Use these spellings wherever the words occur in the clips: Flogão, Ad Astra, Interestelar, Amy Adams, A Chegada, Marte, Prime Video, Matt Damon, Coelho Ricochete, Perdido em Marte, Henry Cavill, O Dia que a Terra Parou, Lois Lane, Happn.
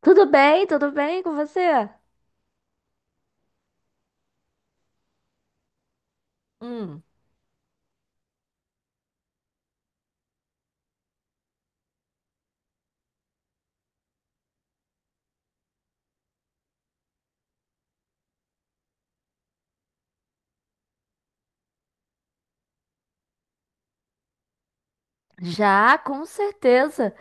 Tudo bem? Tudo bem com você? Hum. Já, com certeza.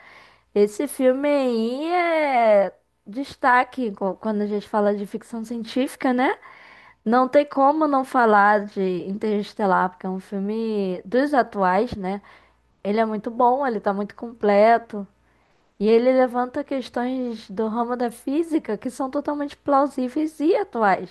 Esse filme aí é destaque quando a gente fala de ficção científica, né? Não tem como não falar de Interestelar, porque é um filme dos atuais, né? Ele é muito bom, ele tá muito completo. E ele levanta questões do ramo da física que são totalmente plausíveis e atuais.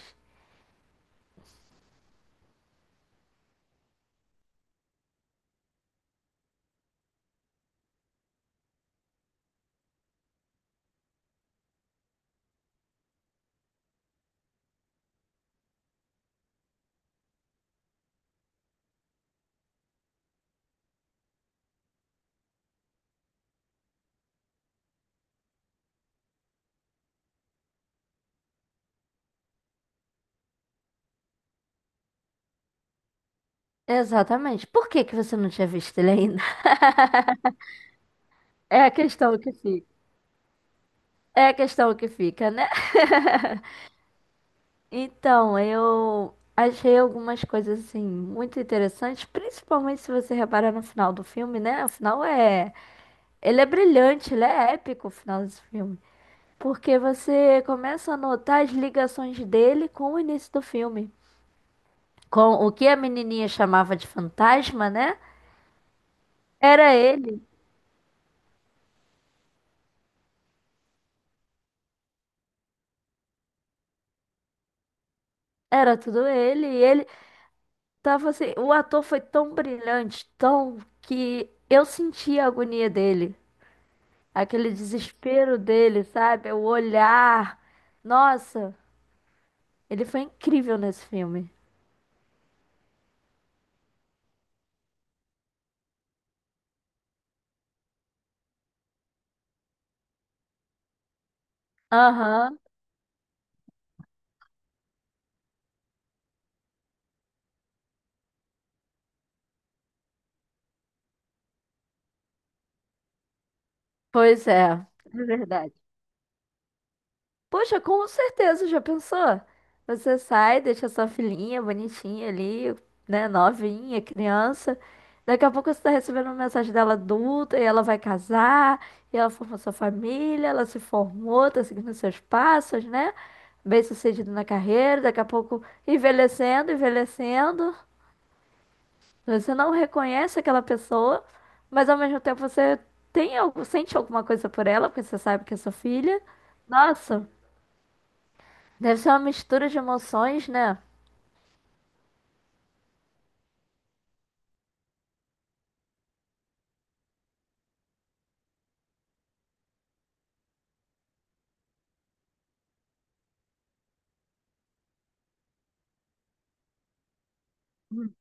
Exatamente. Por que que você não tinha visto ele ainda? É a questão que fica. É a questão que fica, né? Então, eu achei algumas coisas assim muito interessantes, principalmente se você reparar no final do filme, né? O final é, ele é brilhante, ele é épico o final desse filme, porque você começa a notar as ligações dele com o início do filme, com o que a menininha chamava de fantasma, né? Era ele, era tudo ele, e ele tava assim, o ator foi tão brilhante, tão que eu senti a agonia dele. Aquele desespero dele, sabe? O olhar. Nossa, ele foi incrível nesse filme. Aham, pois é, é verdade. Poxa, com certeza, já pensou? Você sai, deixa sua filhinha bonitinha ali, né? Novinha, criança. Daqui a pouco você tá recebendo uma mensagem dela adulta e ela vai casar, e ela formou sua família, ela se formou, tá seguindo seus passos, né? Bem-sucedido na carreira, daqui a pouco envelhecendo, envelhecendo. Você não reconhece aquela pessoa, mas ao mesmo tempo você tem algo, sente alguma coisa por ela, porque você sabe que é sua filha. Nossa, deve ser uma mistura de emoções, né? Hum.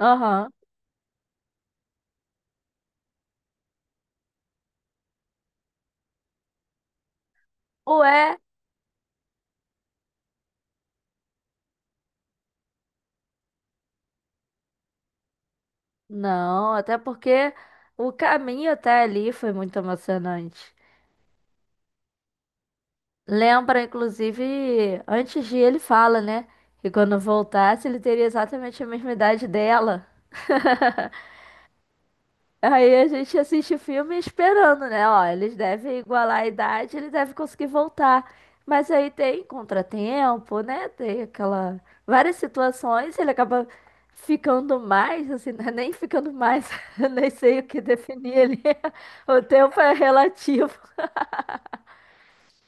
Aham. Ué, não, até porque o caminho até ali foi muito emocionante. Lembra, inclusive, antes de ele fala, né? Que quando voltasse, ele teria exatamente a mesma idade dela. Aí a gente assiste o filme esperando, né? Ó, eles devem igualar a idade, ele deve conseguir voltar. Mas aí tem contratempo, né? Tem aquela várias situações, ele acaba ficando mais, assim, né? nem ficando mais, eu nem sei o que definir ele O tempo é relativo.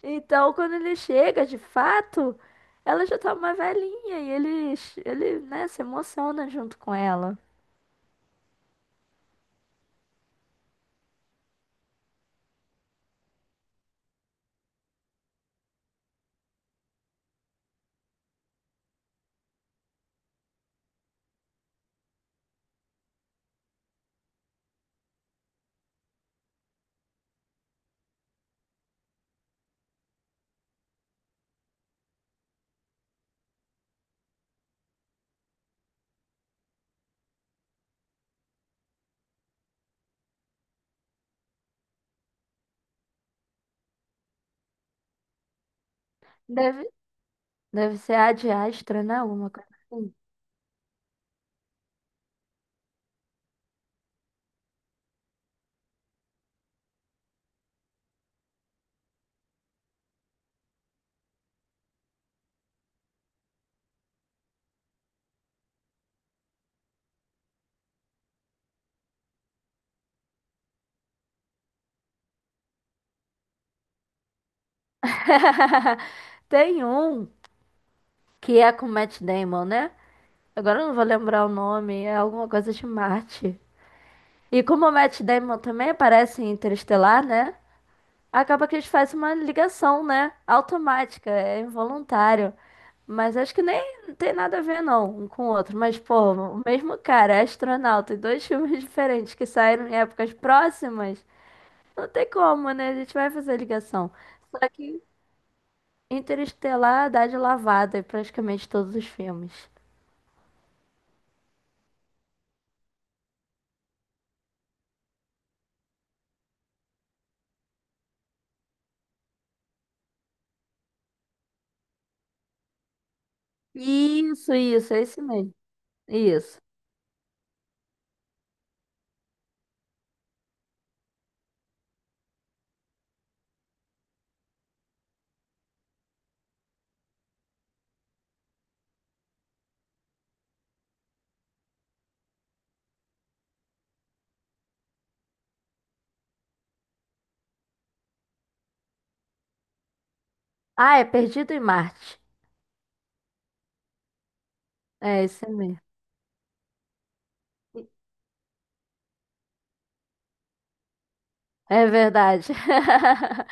Então, quando ele chega, de fato, ela já tá uma velhinha e ele, né, se emociona junto com ela. Deve, deve ser Ad Astra, né? Alguma coisa assim. Tem um que é com Matt Damon, né? Agora eu não vou lembrar o nome, é alguma coisa de Marte. E como o Matt Damon também aparece em Interestelar, né? Acaba que eles fazem uma ligação, né? Automática, é involuntário. Mas acho que nem tem nada a ver, não, um com o outro. Mas, pô, o mesmo cara é astronauta e dois filmes diferentes que saíram em épocas próximas. Não tem como, né? A gente vai fazer ligação. Só que, Interestelar dá de lavada em praticamente todos os filmes. Isso, é esse mesmo. Isso. Ah, é Perdido em Marte. É esse mesmo. É verdade.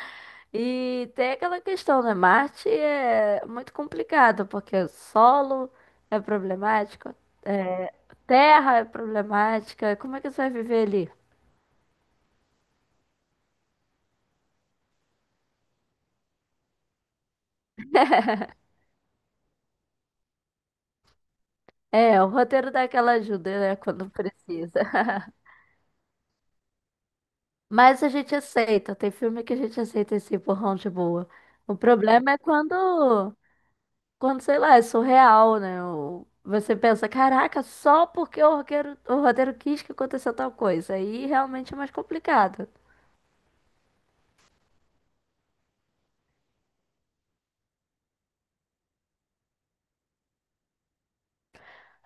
E tem aquela questão, né? Marte é muito complicado, porque é solo é problemático, é terra é problemática. Como é que você vai viver ali? É, o roteiro dá aquela ajuda, né? Quando precisa. Mas a gente aceita. Tem filme que a gente aceita esse empurrão de boa. O problema é quando, sei lá, é surreal, né? O- Você pensa, caraca, só porque o roteiro quis que aconteceu tal coisa. Aí realmente é mais complicado.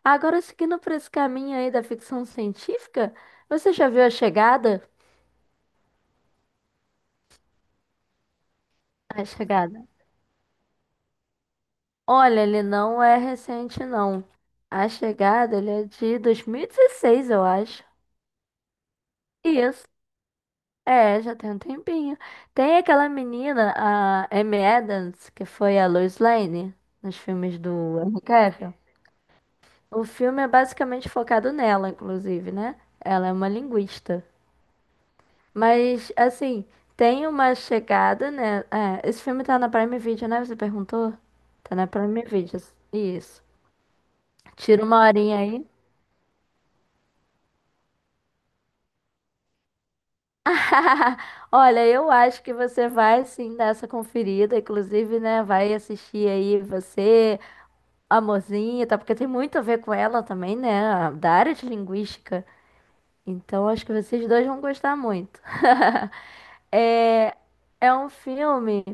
Agora, seguindo por esse caminho aí da ficção científica, você já viu A Chegada? A Chegada. Olha, ele não é recente, não. A Chegada, ele é de 2016, eu acho. Isso. É, já tem um tempinho. Tem aquela menina, a Amy Adams, que foi a Lois Lane nos filmes do Henry Cavill. O filme é basicamente focado nela, inclusive, né? Ela é uma linguista. Mas, assim, tem uma chegada, né? É, esse filme tá na Prime Video, né? Você perguntou? Tá na Prime Video. Isso. Tira uma horinha aí. Olha, eu acho que você vai sim dar essa conferida, inclusive, né? Vai assistir aí você. Amorzinho, tá? Porque tem muito a ver com ela também, né? Da área de linguística. Então acho que vocês dois vão gostar muito. É, é um filme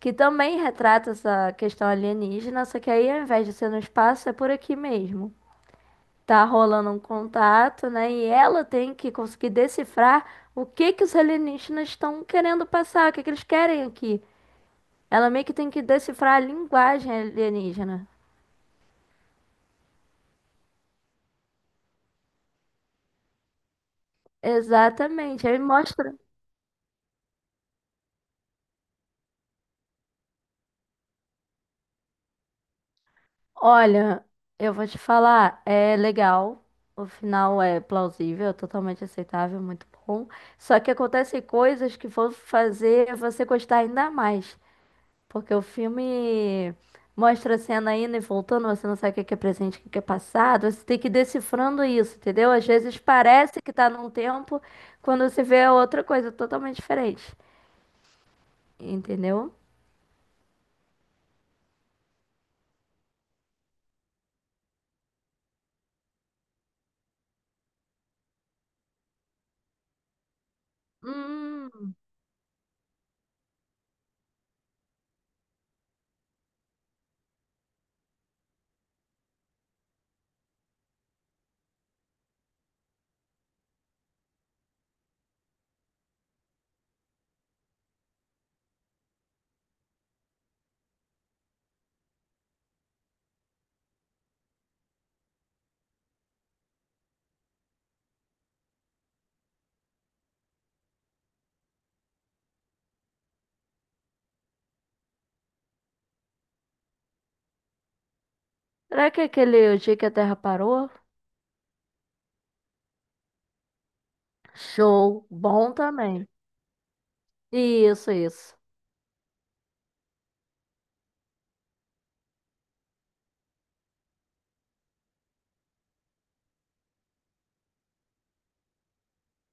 que também retrata essa questão alienígena, só que aí ao invés de ser no espaço, é por aqui mesmo. Tá rolando um contato, né? E ela tem que conseguir decifrar o que que os alienígenas estão querendo passar, o que que eles querem aqui. Ela meio que tem que decifrar a linguagem alienígena. Exatamente. Aí mostra. Olha, eu vou te falar, é legal, o final é plausível, é totalmente aceitável, muito bom. Só que acontecem coisas que vão fazer você gostar ainda mais, porque o filme mostra a cena indo e voltando, você não sabe o que que é presente, o que que é passado, você tem que ir decifrando isso, entendeu? Às vezes parece que tá num tempo, quando você vê é outra coisa totalmente diferente, entendeu? Hum, será que é aquele O Dia que a Terra Parou? Show, bom também. Isso, isso.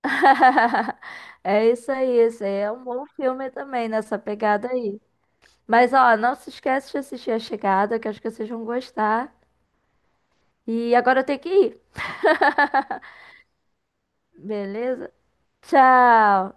É isso aí, esse aí é um bom filme também nessa pegada aí. Mas ó, não se esquece de assistir A Chegada, que acho que vocês vão gostar. E agora eu tenho que ir. Beleza? Tchau.